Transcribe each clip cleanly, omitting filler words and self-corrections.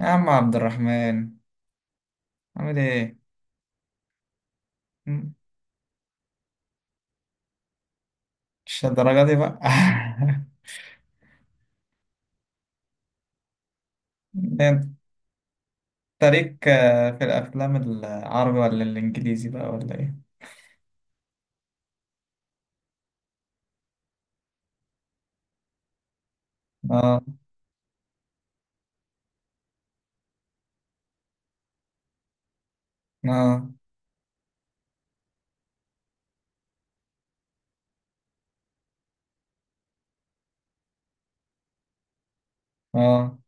يا عم عبد الرحمن، عامل ايه؟ مم. مش الدرجة دي بقى. ده انت ليك، في الأفلام العربي ولا الإنجليزي بقى ولا ايه؟ اه، اه، اه.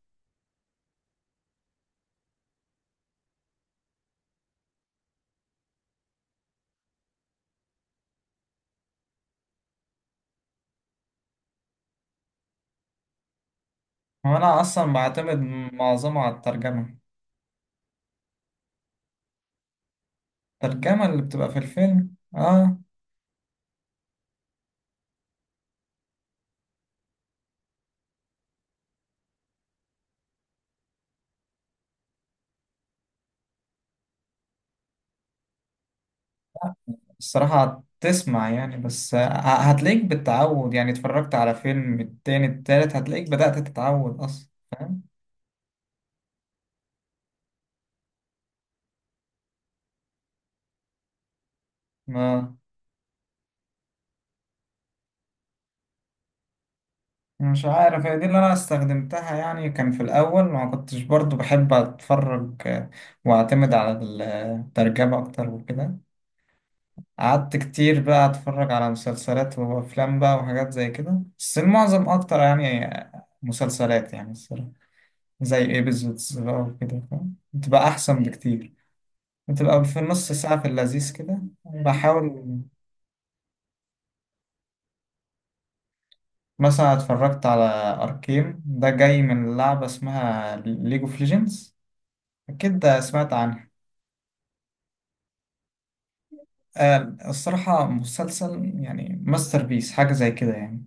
هو أنا أصلا بعتمد معظمه على الترجمة اللي بتبقى في الفيلم. اه. الصراحة تسمع يعني بس، هتلاقيك بالتعود، يعني اتفرجت على فيلم التاني التالت هتلاقيك بدأت تتعود أصلا، فاهم؟ آه. مش عارف، هي دي اللي انا استخدمتها يعني. كان في الاول ما كنتش برضو بحب اتفرج واعتمد على الترجمة اكتر وكده. قعدت كتير بقى اتفرج على مسلسلات وافلام بقى وحاجات زي كده، بس المعظم اكتر يعني مسلسلات يعني الصراحة. زي ايبيزودز بقى وكده، فاهم؟ بتبقى احسن بكتير، بتبقى في نص ساعة في اللذيذ كده بحاول. مثلا اتفرجت على اركين، ده جاي من لعبة اسمها ليج اوف ليجندز، أكيد سمعت عنها. الصراحة مسلسل يعني ماستر بيس، حاجة زي كده يعني،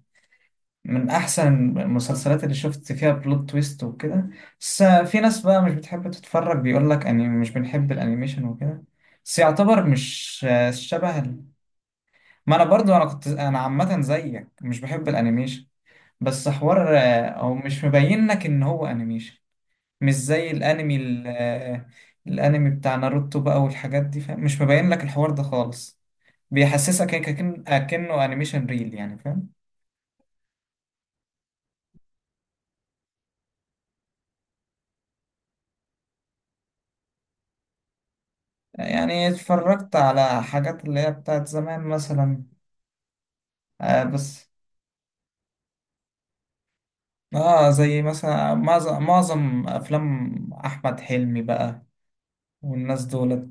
من أحسن المسلسلات اللي شفت فيها بلوت تويست وكده. بس في ناس بقى مش بتحب تتفرج، بيقول لك أني مش بنحب الأنيميشن وكده. بس يعتبر مش شبه ما أنا برضو أنا عامة زيك مش بحب الأنيميشن. بس حوار، أو مش مبين لك إن هو أنيميشن. مش زي الأنمي الأنمي بتاع ناروتو بقى والحاجات دي، فاهم؟ مش مبين لك الحوار ده خالص. بيحسسك هيك كأنه أنيميشن ريل يعني، فاهم. يعني اتفرجت على حاجات اللي هي بتاعت زمان مثلا. آه. بس اه، زي مثلا معظم أفلام أحمد حلمي بقى والناس دولت.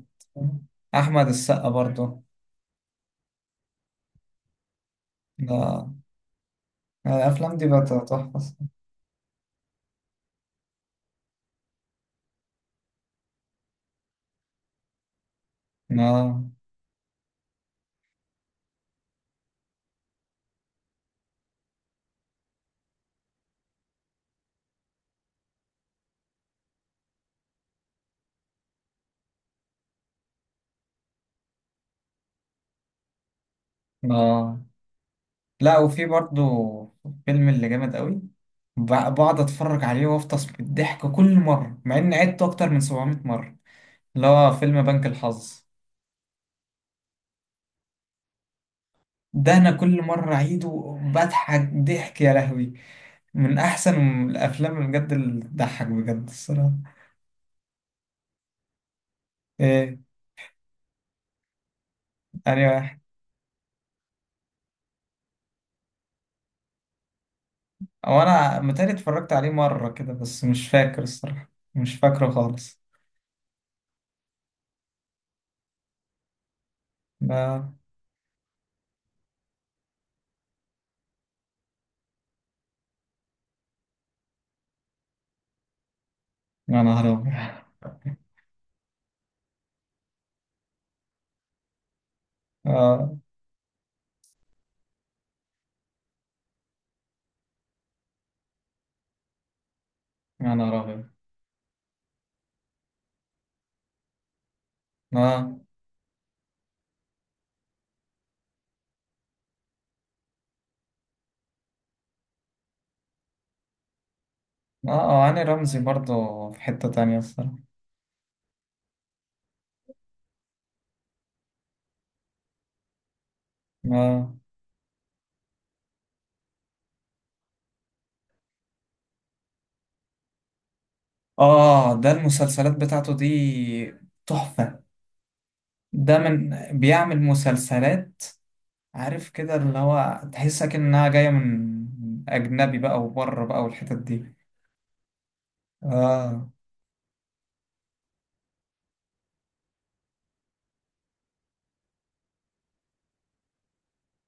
أحمد السقا برضه. لا. الأفلام دي بقت تحفة. لا، لا، لا. وفي برضه فيلم اللي جامد قوي. ب- بقعد أتفرج عليه وأفطس بالضحك كل مرة مع إني عدته أكتر من 700 مرة. اللي هو فيلم بنك الحظ. ده انا كل مره اعيده بضحك ضحك يا لهوي، من احسن الافلام اللي بجد اللي بتضحك بجد الصراحه. ايه. انا واحد. او انا متهيألي اتفرجت عليه مره كده بس مش فاكر الصراحه، مش فاكره خالص. لا. يا نهار ابيض. اه. يا نهار ابيض. اه، اه. هاني رمزي برضه في حته تانية الصراحه. اه، اه. ده المسلسلات بتاعته دي تحفه، ده من بيعمل مسلسلات. عارف كده اللي هو تحسها كأنها جاية من أجنبي بقى وبره بقى والحتت دي. آه.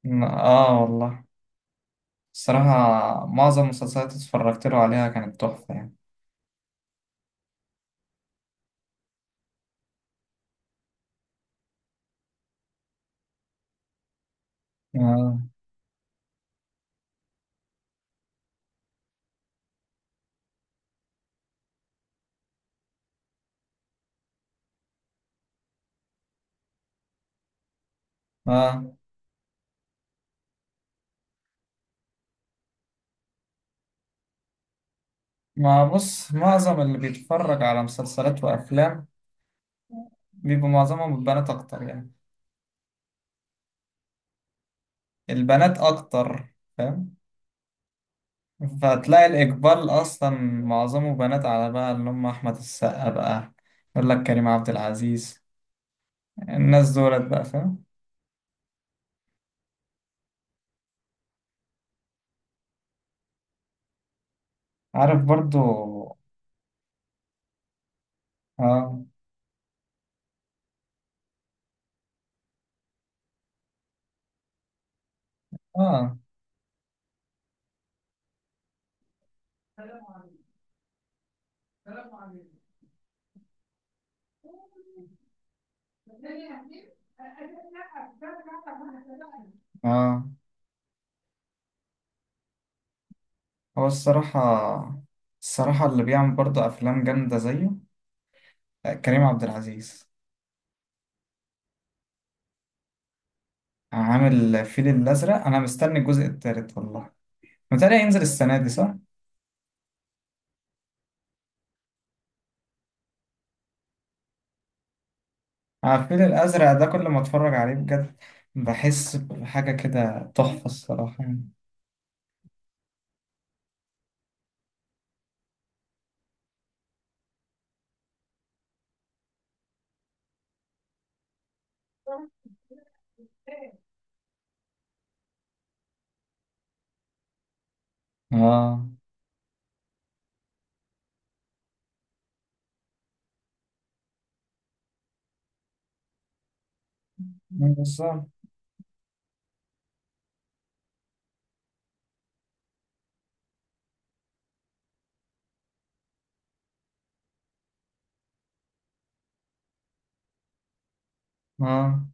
والله الصراحة، معظم المسلسلات اللي اتفرجت له عليها كانت تحفة يعني. آه، آه. ما بص، معظم اللي بيتفرج على مسلسلات وأفلام بيبقى معظمهم البنات أكتر يعني. البنات أكتر، فاهم. فتلاقي الإقبال أصلا معظمه بنات على بقى اللي هم أحمد السقا بقى، يقول لك كريم عبد العزيز، الناس دولت بقى، فاهم. عارف برضو. اه، اه، اه. هو الصراحة اللي بيعمل برضو أفلام جامدة زيه كريم عبد العزيز. عامل الفيل الأزرق، أنا مستني الجزء التالت والله. متهيألي هينزل السنة دي صح؟ الفيل الأزرق ده كل ما أتفرج عليه بجد، بحس بحاجة كده تحفة الصراحة يعني. اه. بالظبط. اه.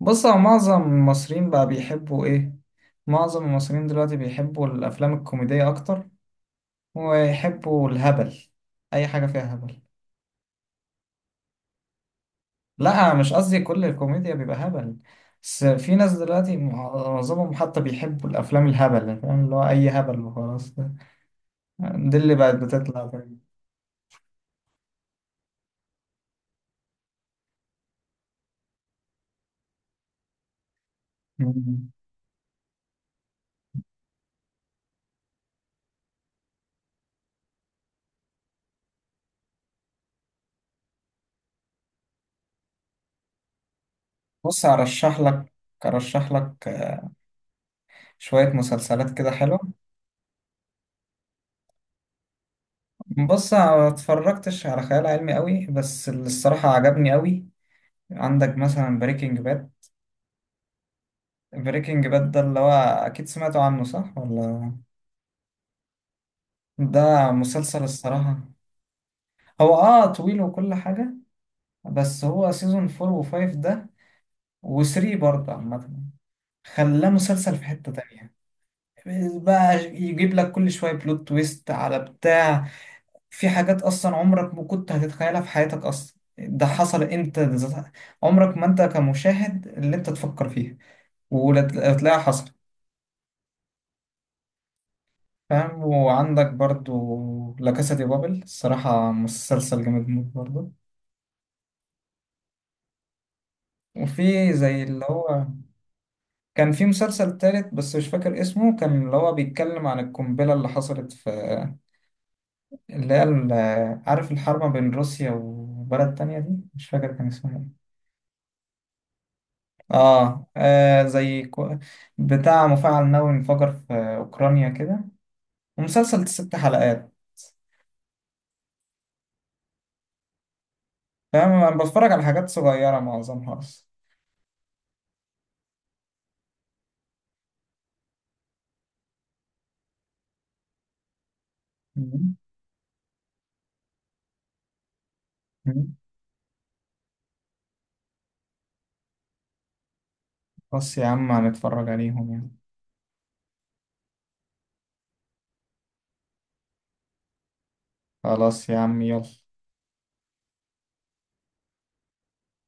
بص، هو معظم المصريين بقى بيحبوا إيه؟ معظم المصريين دلوقتي بيحبوا الأفلام الكوميدية أكتر، ويحبوا الهبل، أي حاجة فيها هبل. لا، أنا مش قصدي كل الكوميديا بيبقى هبل. بس في ناس دلوقتي معظمهم حتى بيحبوا الأفلام الهبل، فاهم، اللي هو أي هبل وخلاص، ده دي اللي بقت بتطلع، فاهم؟ مم. بص، أرشح لك، أرشح لك شوية مسلسلات كده حلوة. بص، أنا ما اتفرجتش على خيال علمي قوي، بس اللي الصراحة عجبني قوي، عندك مثلا بريكنج باد. بريكنج باد ده اللي هو أكيد سمعتوا عنه، صح ولا؟ ده مسلسل الصراحة. هو اه طويل وكل حاجة، بس هو سيزون 4 و5 ده و3 برضه عامة، خلاه مسلسل في حتة تانية. بقى يجيب لك كل شوية بلوت تويست على بتاع، في حاجات أصلا عمرك ما كنت هتتخيلها في حياتك أصلا ده حصل أنت عمرك ما أنت كمشاهد اللي أنت تفكر فيها، وتلاقيها حصل. فاهم، وعندك برضو لا كاسا دي بابل، الصراحة مسلسل جامد موت برضو. وفي زي اللي هو كان في مسلسل تالت بس مش فاكر اسمه، كان اللي هو بيتكلم عن القنبلة اللي حصلت في اللي هي ال- عارف الحرب بين روسيا وبلد تانية دي، مش فاكر كان اسمه ايه. اه، بتاع مفاعل نووي انفجر في أوكرانيا كده، ومسلسل 6 حلقات. فاهم، انا بتفرج على حاجات صغيرة معظمها اصلا. مم. مم. خلاص يا عم هنتفرج عليهم يعني. خلاص يا عم، يلا.